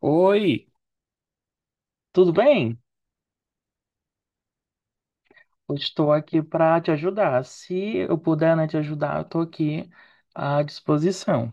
Oi, tudo bem? Eu estou aqui para te ajudar. Se eu puder, né, te ajudar, eu estou aqui à disposição.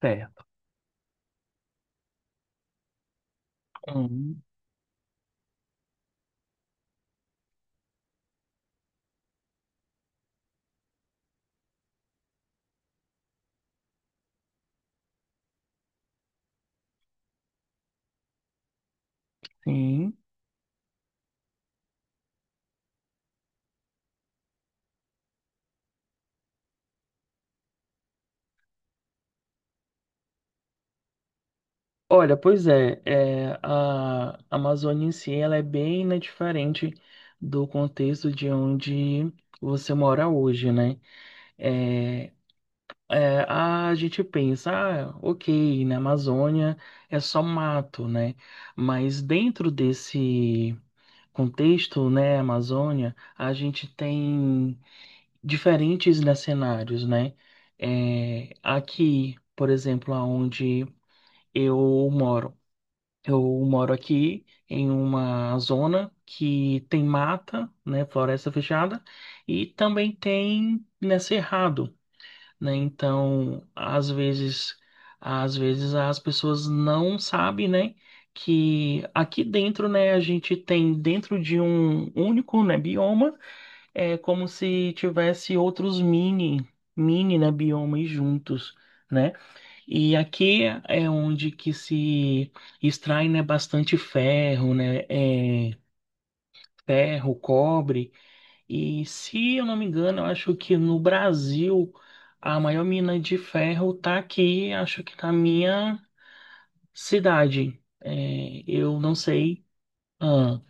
Certo. Hum, sim. Olha, pois é, a Amazônia em si, ela é bem, né, diferente do contexto de onde você mora hoje, né? É, a gente pensa, ah, ok, na Amazônia é só mato, né? Mas dentro desse contexto, né, Amazônia, a gente tem diferentes, né, cenários, né? É, aqui, por exemplo, aonde eu moro. Eu moro aqui em uma zona que tem mata, né, floresta fechada, e também tem, né, cerrado né? Então, às vezes as pessoas não sabem, né, que aqui dentro, né, a gente tem dentro de um único, né, bioma, é como se tivesse outros mini, né, biomas juntos. Né? E aqui é onde que se extrai, né, bastante ferro, né, ferro, cobre, e se eu não me engano, eu acho que no Brasil a maior mina de ferro tá aqui, acho que na minha cidade. É, eu não sei. Ah,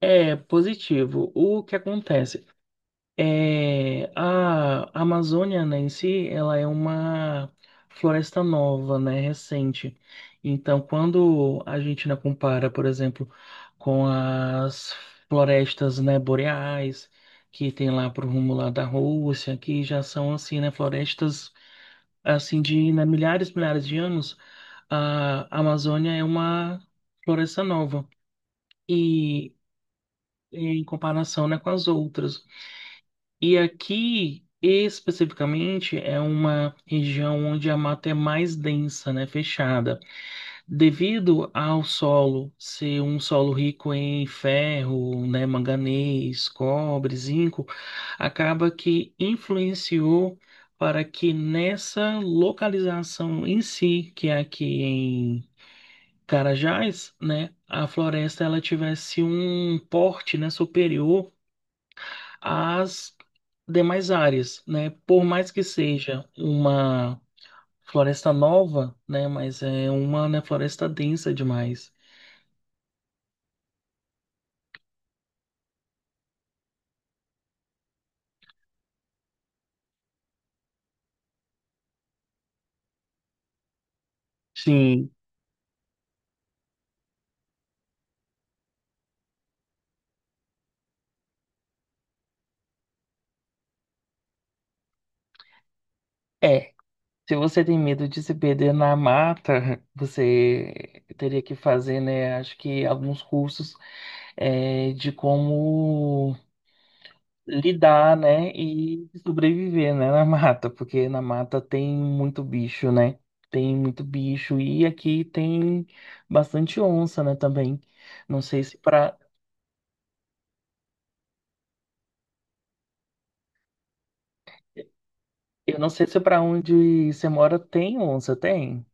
é positivo. O que acontece? É, a Amazônia, né, em si, ela é uma floresta nova, né, recente. Então, quando a gente, né, compara, por exemplo, com as florestas, né, boreais, que tem lá pro rumo lá da Rússia, que já são, assim, né, florestas, assim, de, né, milhares de anos, a Amazônia é uma floresta nova. E em comparação, né, com as outras. E aqui, especificamente, é uma região onde a mata é mais densa, né, fechada. Devido ao solo ser um solo rico em ferro, né, manganês, cobre, zinco, acaba que influenciou para que nessa localização em si, que é aqui em Carajás, né, a floresta ela tivesse um porte, né, superior às demais áreas, né? Por mais que seja uma floresta nova, né? Mas é uma, né, floresta densa demais. Sim, é. Se você tem medo de se perder na mata, você teria que fazer, né? Acho que alguns cursos é, de como lidar, né, e sobreviver, né, na mata, porque na mata tem muito bicho, né? Tem muito bicho e aqui tem bastante onça, né, também. Não sei se para, eu não sei se para onde você mora tem onça, tem?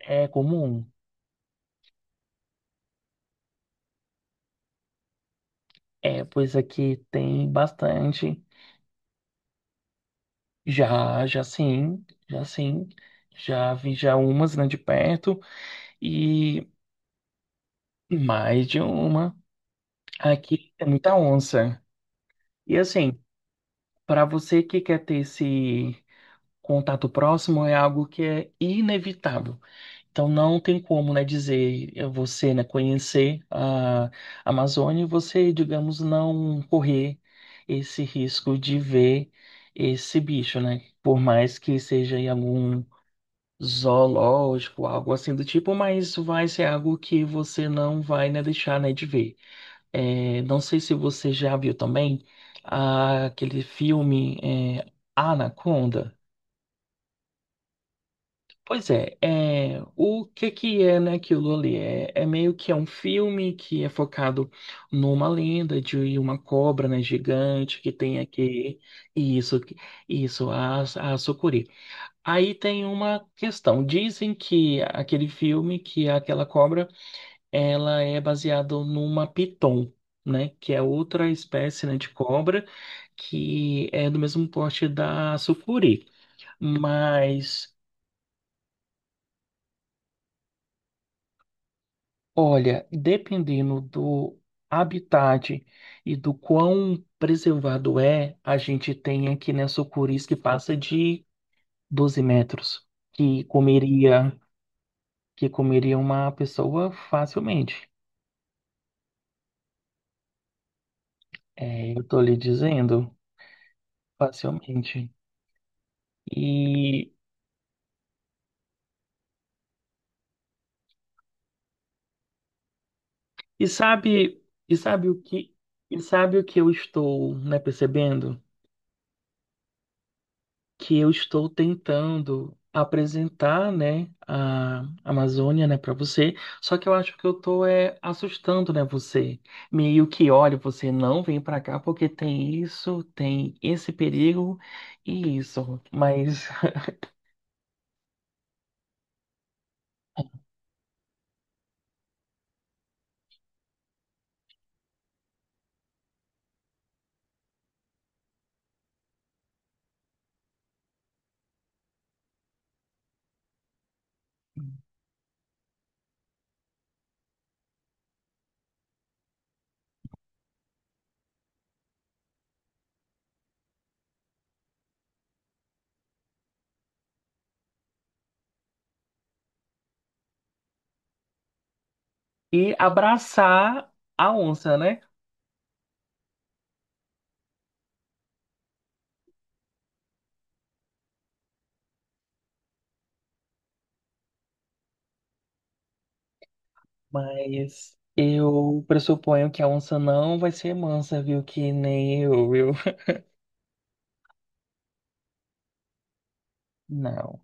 É comum. É, pois aqui tem bastante. Já, já sim, já sim. Já vi já umas, né, de perto e mais de uma. Aqui tem muita onça. E assim, para você que quer ter esse contato próximo, é algo que é inevitável. Então, não tem como, né, dizer você, né, conhecer a Amazônia e você, digamos, não correr esse risco de ver esse bicho, né? Por mais que seja em algum zoológico, algo assim do tipo, mas vai ser algo que você não vai, né, deixar, né, de ver. É, não sei se você já viu também ah, aquele filme é, Anaconda. Pois é, é, o que que é, né, aquilo ali? É, é meio que é um filme que é focado numa lenda de uma cobra, né, gigante que tem aqui isso, isso, a sucuri. Aí tem uma questão. Dizem que aquele filme, que é aquela cobra ela é baseada numa piton, né? Que é outra espécie, né, de cobra que é do mesmo porte da sucuri. Mas, olha, dependendo do habitat e do quão preservado é, a gente tem aqui, né, sucuris que passa de 12 metros, que comeria, que comeria uma pessoa facilmente. É, eu tô lhe dizendo, facilmente. E E sabe, e sabe o que, e sabe o que eu estou, né, percebendo? Que eu estou tentando apresentar, né, a Amazônia, né, para você, só que eu acho que eu tô é assustando, né, você. Meio que, olha, você não vem para cá porque tem isso, tem esse perigo e isso, mas e abraçar a onça, né? Mas eu pressuponho que a onça não vai ser mansa, viu? Que nem eu, viu? Não.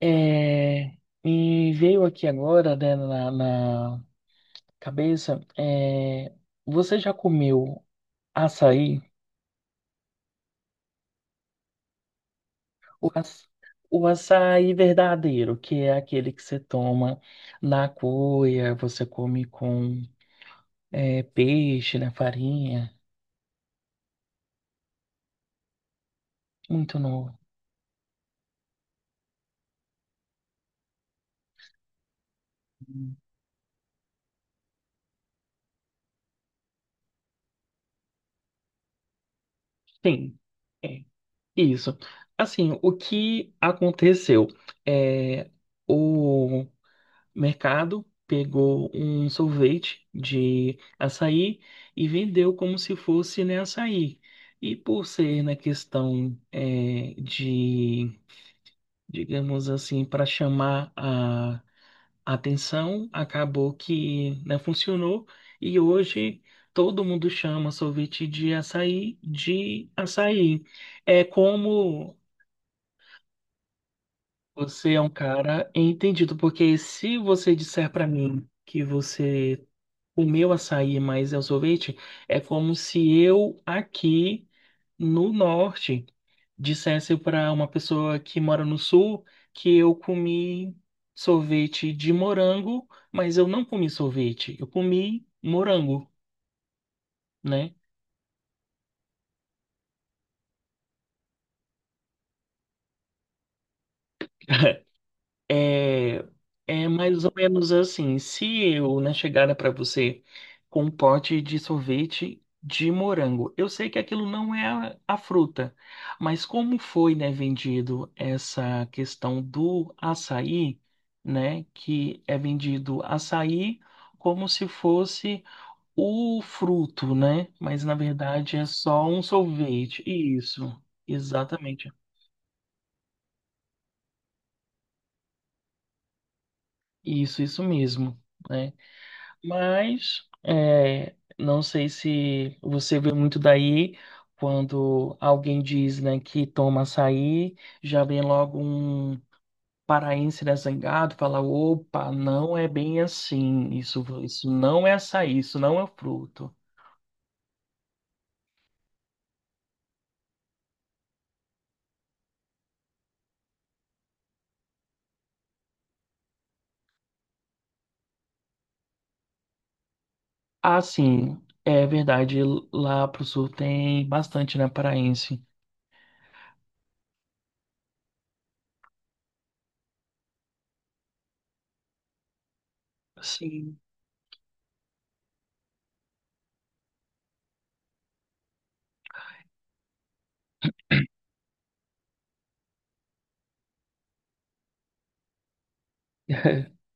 É, me veio aqui agora, na cabeça, é, você já comeu açaí? O, aç- o açaí verdadeiro, que é aquele que você toma na cuia, você come com é, peixe, né, farinha, muito novo. Sim, é isso. Assim, o que aconteceu? É, o mercado, pegou um sorvete de açaí e vendeu como se fosse, né, açaí. E por ser na questão de, digamos assim, para chamar a atenção, acabou que não funcionou e hoje todo mundo chama sorvete de açaí de açaí. É como você é um cara entendido, porque se você disser para mim que você o meu açaí mais é o sorvete é como se eu aqui no norte dissesse para uma pessoa que mora no sul que eu comi sorvete de morango, mas eu não comi sorvete, eu comi morango, né? É, é mais ou menos assim. Se eu, né, chegara para você com um pote de sorvete de morango, eu sei que aquilo não é a fruta, mas como foi, né, vendido essa questão do açaí, né, que é vendido açaí como se fosse o fruto, né, mas na verdade é só um sorvete. Isso, exatamente. Isso mesmo. Né? Mas é, não sei se você vê muito daí quando alguém diz, né, que toma açaí, já vem logo um paraense desangado, fala, opa, não é bem assim, isso não é açaí, isso não é fruto. Assim, é verdade, lá pro sul tem bastante, né, paraense. Sim.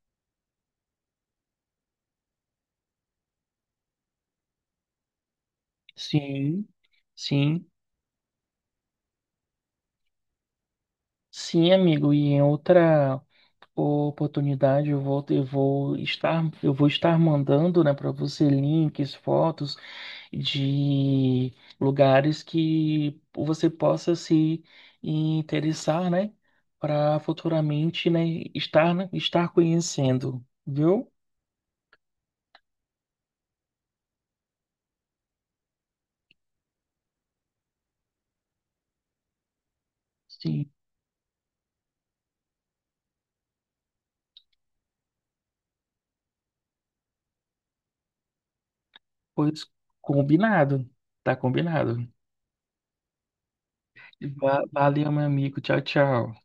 Sim, sim, sim, amigo. E em outra oportunidade, eu vou estar mandando, né, para você links, fotos de lugares que você possa se interessar, né, para futuramente, né, estar conhecendo, viu? Sim, pois combinado, tá combinado. Valeu, meu amigo. Tchau, tchau.